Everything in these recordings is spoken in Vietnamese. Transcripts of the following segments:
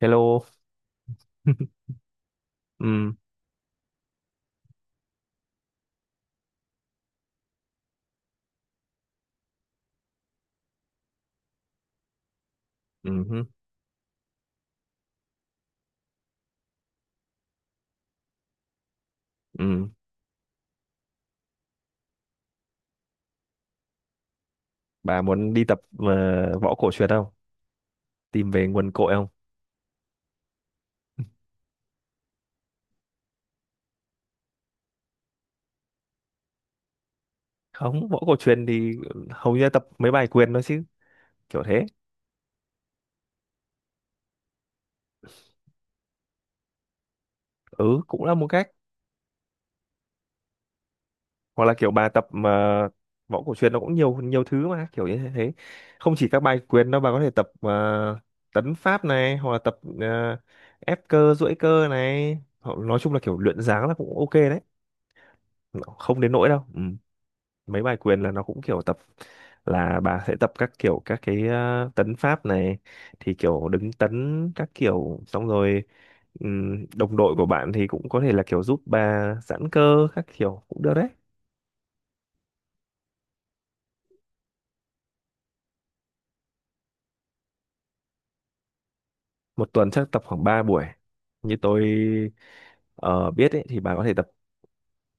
Hello. Ừ, ừ, ừ. Bà muốn đi tập võ cổ truyền không? Tìm về nguồn cội không? Không, võ cổ truyền thì hầu như là tập mấy bài quyền thôi chứ, kiểu thế. Ừ, cũng là một cách. Hoặc là kiểu bà tập mà võ cổ truyền nó cũng nhiều nhiều thứ mà, kiểu như thế. Không chỉ các bài quyền đâu, bà có thể tập tấn pháp này, hoặc là tập ép cơ, duỗi cơ này. Hoặc nói chung là kiểu luyện dáng là cũng ok đấy. Không đến nỗi đâu. Ừ. Mấy bài quyền là nó cũng kiểu tập là bà sẽ tập các kiểu các cái tấn pháp này, thì kiểu đứng tấn các kiểu xong rồi đồng đội của bạn thì cũng có thể là kiểu giúp bà giãn cơ các kiểu cũng được đấy. Một tuần chắc tập khoảng 3 buổi như tôi ờ, biết ấy, thì bà có thể tập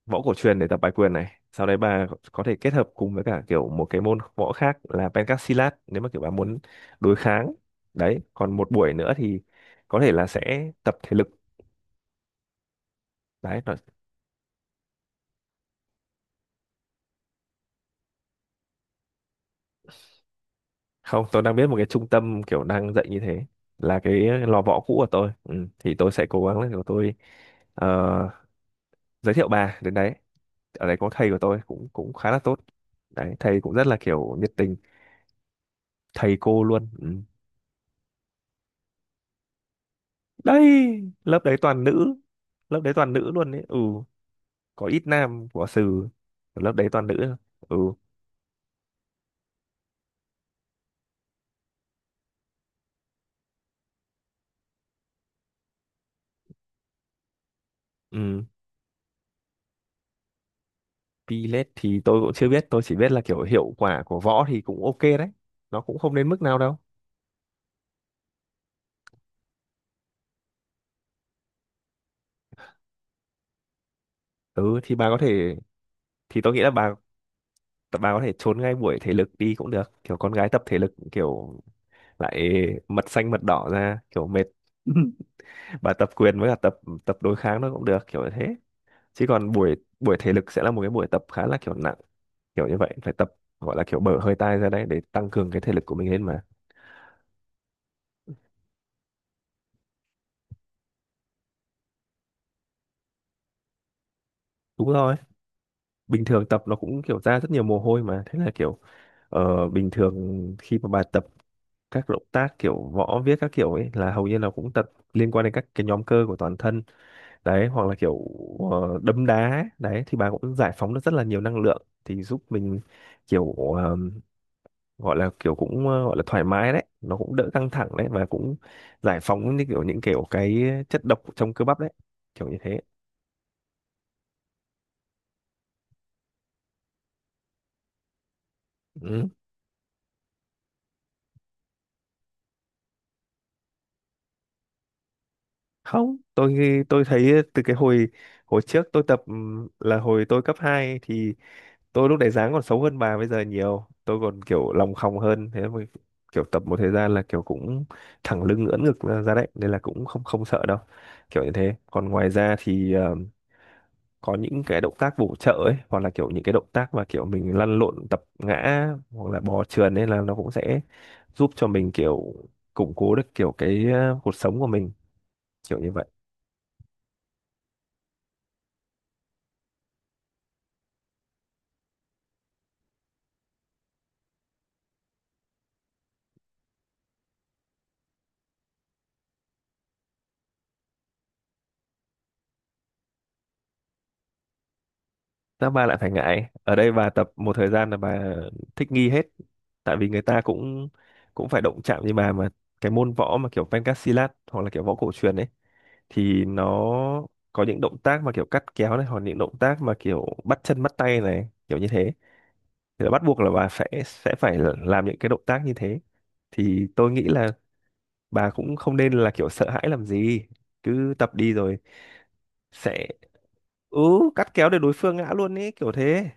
võ cổ truyền để tập bài quyền này, sau đấy bà có thể kết hợp cùng với cả kiểu một cái môn võ khác là pencak silat nếu mà kiểu bà muốn đối kháng. Đấy còn một buổi nữa thì có thể là sẽ tập thể lực. Đấy nói... Không, tôi đang biết một cái trung tâm kiểu đang dạy như thế, là cái lò võ cũ của tôi ừ. Thì tôi sẽ cố gắng là kiểu tôi ờ, giới thiệu bà đến đấy. Ở đấy có thầy của tôi cũng cũng khá là tốt. Đấy thầy cũng rất là kiểu nhiệt tình, thầy cô luôn ừ. Đây, lớp đấy toàn nữ, lớp đấy toàn nữ luôn đấy ừ. Có ít nam của sừ, lớp đấy toàn nữ. Ừ. Ừ. Pilet thì tôi cũng chưa biết, tôi chỉ biết là kiểu hiệu quả của võ thì cũng ok đấy, nó cũng không đến mức nào đâu. Ừ thì bà có thể, thì tôi nghĩ là bà có thể trốn ngay buổi thể lực đi cũng được, kiểu con gái tập thể lực kiểu lại mật xanh mật đỏ ra kiểu mệt. Bà tập quyền với cả tập tập đối kháng nó cũng được kiểu như thế, chứ còn buổi buổi thể lực sẽ là một cái buổi tập khá là kiểu nặng, kiểu như vậy phải tập, gọi là kiểu bở hơi tai ra đấy để tăng cường cái thể lực của mình lên mà. Đúng rồi, bình thường tập nó cũng kiểu ra rất nhiều mồ hôi mà, thế là kiểu bình thường khi mà bà tập các động tác kiểu võ viết các kiểu ấy là hầu như là cũng tập liên quan đến các cái nhóm cơ của toàn thân. Đấy hoặc là kiểu đấm đá đấy thì bà cũng giải phóng được rất là nhiều năng lượng, thì giúp mình kiểu ờ, gọi là kiểu cũng gọi là thoải mái đấy, nó cũng đỡ căng thẳng đấy, và cũng giải phóng như kiểu những kiểu cái chất độc trong cơ bắp đấy, kiểu như thế. Ừ. Không, tôi thấy từ cái hồi hồi trước tôi tập là hồi tôi cấp 2 thì tôi lúc đấy dáng còn xấu hơn bà bây giờ nhiều, tôi còn kiểu lòng khòng hơn thế mà kiểu tập một thời gian là kiểu cũng thẳng lưng ưỡn ngực ra ra đấy, nên là cũng không không sợ đâu, kiểu như thế. Còn ngoài ra thì có những cái động tác bổ trợ ấy, hoặc là kiểu những cái động tác mà kiểu mình lăn lộn tập ngã hoặc là bò trườn, nên là nó cũng sẽ giúp cho mình kiểu củng cố được kiểu cái cột sống của mình, kiểu như vậy. Sao bà lại phải ngại? Ở đây bà tập một thời gian là bà thích nghi hết. Tại vì người ta cũng cũng phải động chạm như bà mà. Cái môn võ mà kiểu Pencak hoặc là kiểu võ cổ truyền ấy, thì nó có những động tác mà kiểu cắt kéo này, hoặc những động tác mà kiểu bắt chân bắt tay này, kiểu như thế, thì là bắt buộc là bà sẽ phải làm những cái động tác như thế. Thì tôi nghĩ là bà cũng không nên là kiểu sợ hãi làm gì, cứ tập đi rồi sẽ ừ. Cắt kéo để đối phương ngã luôn ấy, kiểu thế,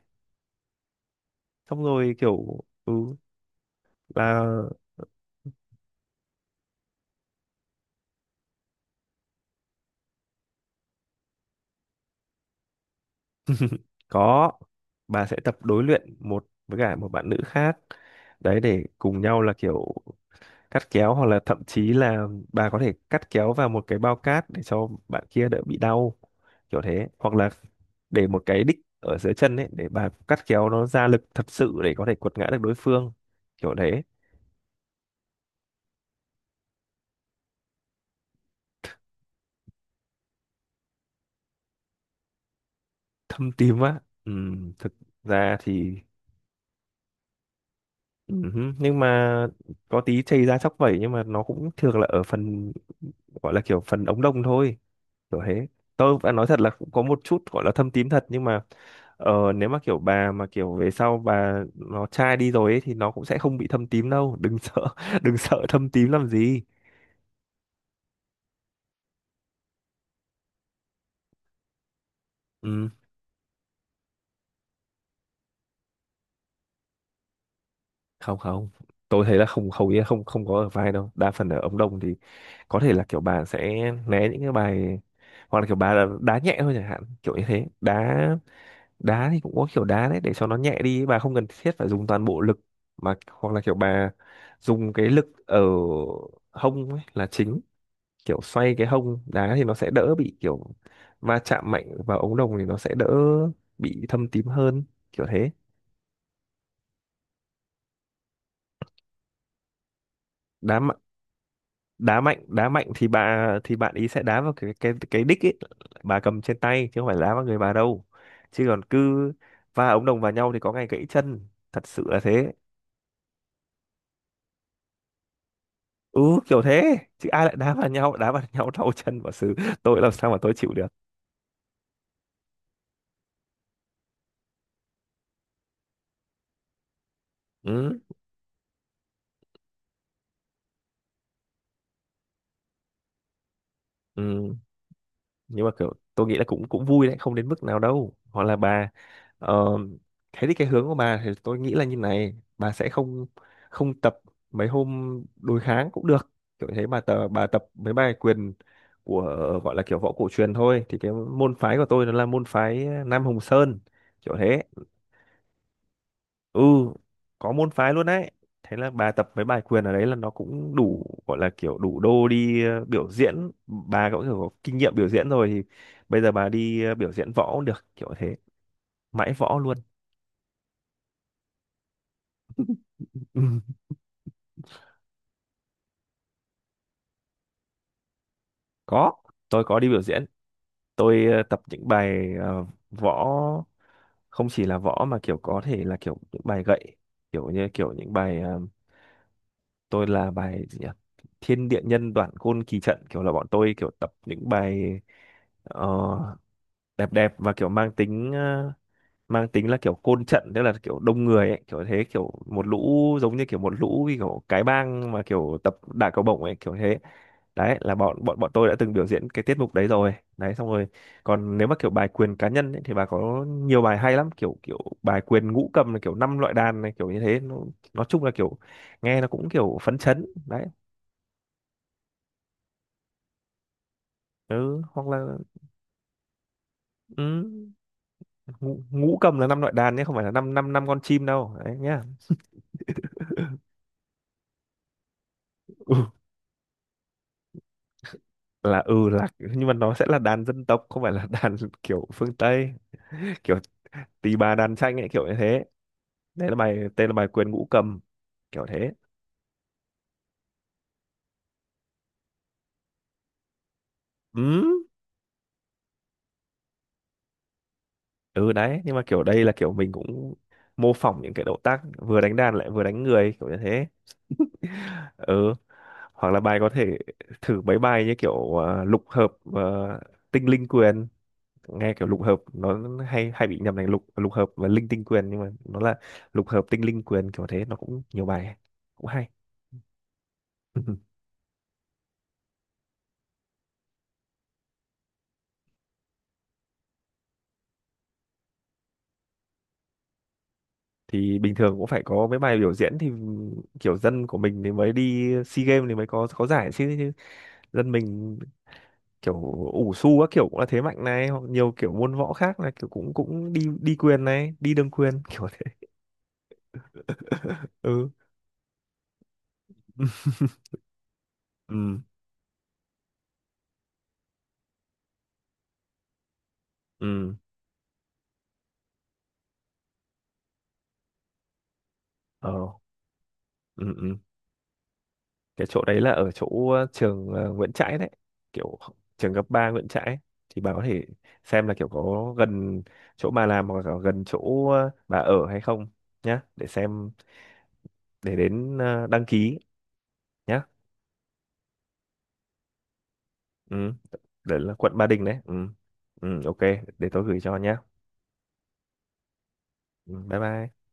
xong rồi kiểu ừ, là có, bà sẽ tập đối luyện một với cả một bạn nữ khác đấy, để cùng nhau là kiểu cắt kéo, hoặc là thậm chí là bà có thể cắt kéo vào một cái bao cát để cho bạn kia đỡ bị đau, kiểu thế. Hoặc là để một cái đích ở dưới chân ấy, để bà cắt kéo nó ra lực thật sự để có thể quật ngã được đối phương, kiểu đấy. Thâm tím á? Ừ, thực ra thì ừ, nhưng mà có tí chày da chóc vẩy nhưng mà nó cũng thường là ở phần gọi là kiểu phần ống đồng thôi, kiểu thế. Tôi phải nói thật là cũng có một chút gọi là thâm tím thật, nhưng mà nếu mà kiểu bà mà kiểu về sau bà nó chai đi rồi ấy, thì nó cũng sẽ không bị thâm tím đâu, đừng sợ. Đừng sợ thâm tím làm gì. Ừ, không không tôi thấy là không, hầu như không không có ở vai đâu, đa phần ở ống đồng thì có thể là kiểu bà sẽ né những cái bài, hoặc là kiểu bà là đá nhẹ thôi chẳng hạn, kiểu như thế. Đá, đá thì cũng có kiểu đá đấy để cho nó nhẹ đi, bà không cần thiết phải dùng toàn bộ lực mà, hoặc là kiểu bà dùng cái lực ở hông ấy là chính, kiểu xoay cái hông đá thì nó sẽ đỡ bị kiểu va chạm mạnh vào ống đồng, thì nó sẽ đỡ bị thâm tím hơn, kiểu thế. Đá mạnh, đá mạnh thì bà, thì bạn ý sẽ đá vào cái cái đích ấy bà cầm trên tay, chứ không phải đá vào người bà đâu, chứ còn cứ va ống đồng vào nhau thì có ngày gãy chân, thật sự là thế. Ừ kiểu thế, chứ ai lại đá vào nhau, đá vào nhau đau chân và xử, tôi làm sao mà tôi chịu được. Ừ, ừ. Nhưng mà kiểu tôi nghĩ là cũng cũng vui đấy, không đến mức nào đâu. Hoặc là bà ờ, thế thì cái hướng của bà thì tôi nghĩ là như này, bà sẽ không không tập mấy hôm đối kháng cũng được, kiểu thế. Bà tập mấy bài quyền của, gọi là kiểu võ cổ truyền thôi, thì cái môn phái của tôi nó là môn phái Nam Hồng Sơn, kiểu thế. Ừ, có môn phái luôn đấy. Thế là bà tập với bài quyền ở đấy là nó cũng đủ, gọi là kiểu đủ đô đi biểu diễn, bà cũng kiểu có kinh nghiệm biểu diễn rồi, thì bây giờ bà đi biểu diễn võ cũng được, kiểu thế, mãi võ luôn. Ừ. Có, tôi có đi biểu diễn, tôi tập những bài võ, không chỉ là võ mà kiểu có thể là kiểu những bài gậy, kiểu như kiểu những bài tôi là bài gì nhỉ, thiên địa nhân đoạn côn kỳ trận, kiểu là bọn tôi kiểu tập những bài ờ, đẹp đẹp và kiểu mang tính mang tính là kiểu côn trận, tức là kiểu đông người ấy, kiểu thế, kiểu một lũ giống như kiểu một lũ như kiểu cái bang mà kiểu tập đả cầu bổng ấy, kiểu thế. Đấy là bọn bọn bọn tôi đã từng biểu diễn cái tiết mục đấy rồi đấy. Xong rồi còn nếu mà kiểu bài quyền cá nhân ấy, thì bà có nhiều bài hay lắm, kiểu kiểu bài quyền ngũ cầm là kiểu năm loại đàn này, kiểu như thế nó, nói chung là kiểu nghe nó cũng kiểu phấn chấn đấy. Ừ hoặc là ừ, ngũ cầm là năm loại đàn nhé, không phải là năm năm năm con chim đâu đấy nhá. Là ừ là, nhưng mà nó sẽ là đàn dân tộc, không phải là đàn kiểu phương Tây, kiểu tỳ bà đàn tranh ấy, kiểu như thế. Đấy là bài tên là bài quyền ngũ cầm, kiểu thế. Ừ, ừ. Đấy nhưng mà kiểu đây là kiểu mình cũng mô phỏng những cái động tác vừa đánh đàn lại vừa đánh người, kiểu như thế. Ừ, hoặc là bài có thể thử mấy bài như kiểu lục hợp ờ, tinh linh quyền, nghe kiểu lục hợp nó hay hay bị nhầm thành lục lục hợp và linh tinh quyền, nhưng mà nó là lục hợp tinh linh quyền, kiểu thế, nó cũng nhiều bài cũng hay. Thì bình thường cũng phải có mấy bài biểu diễn, thì kiểu dân của mình thì mới đi SEA Games thì mới có giải chứ, chứ dân mình kiểu ủ xu các kiểu cũng là thế mạnh này, hoặc nhiều kiểu môn võ khác là kiểu cũng cũng đi đi quyền này đi đương quyền, kiểu thế. Ừ. Ừ, ừ, ờ, ừ, ừ. Cái chỗ đấy là ở chỗ trường Nguyễn Trãi đấy, kiểu trường cấp 3 Nguyễn Trãi. Thì bà có thể xem là kiểu có gần chỗ bà làm hoặc là gần chỗ bà ở hay không nhá, để xem, để đến đăng ký nhá. Ừ, đấy là quận Ba Đình đấy ừ. Ừ ok, để tôi gửi cho nhá. Ừ, bye bye.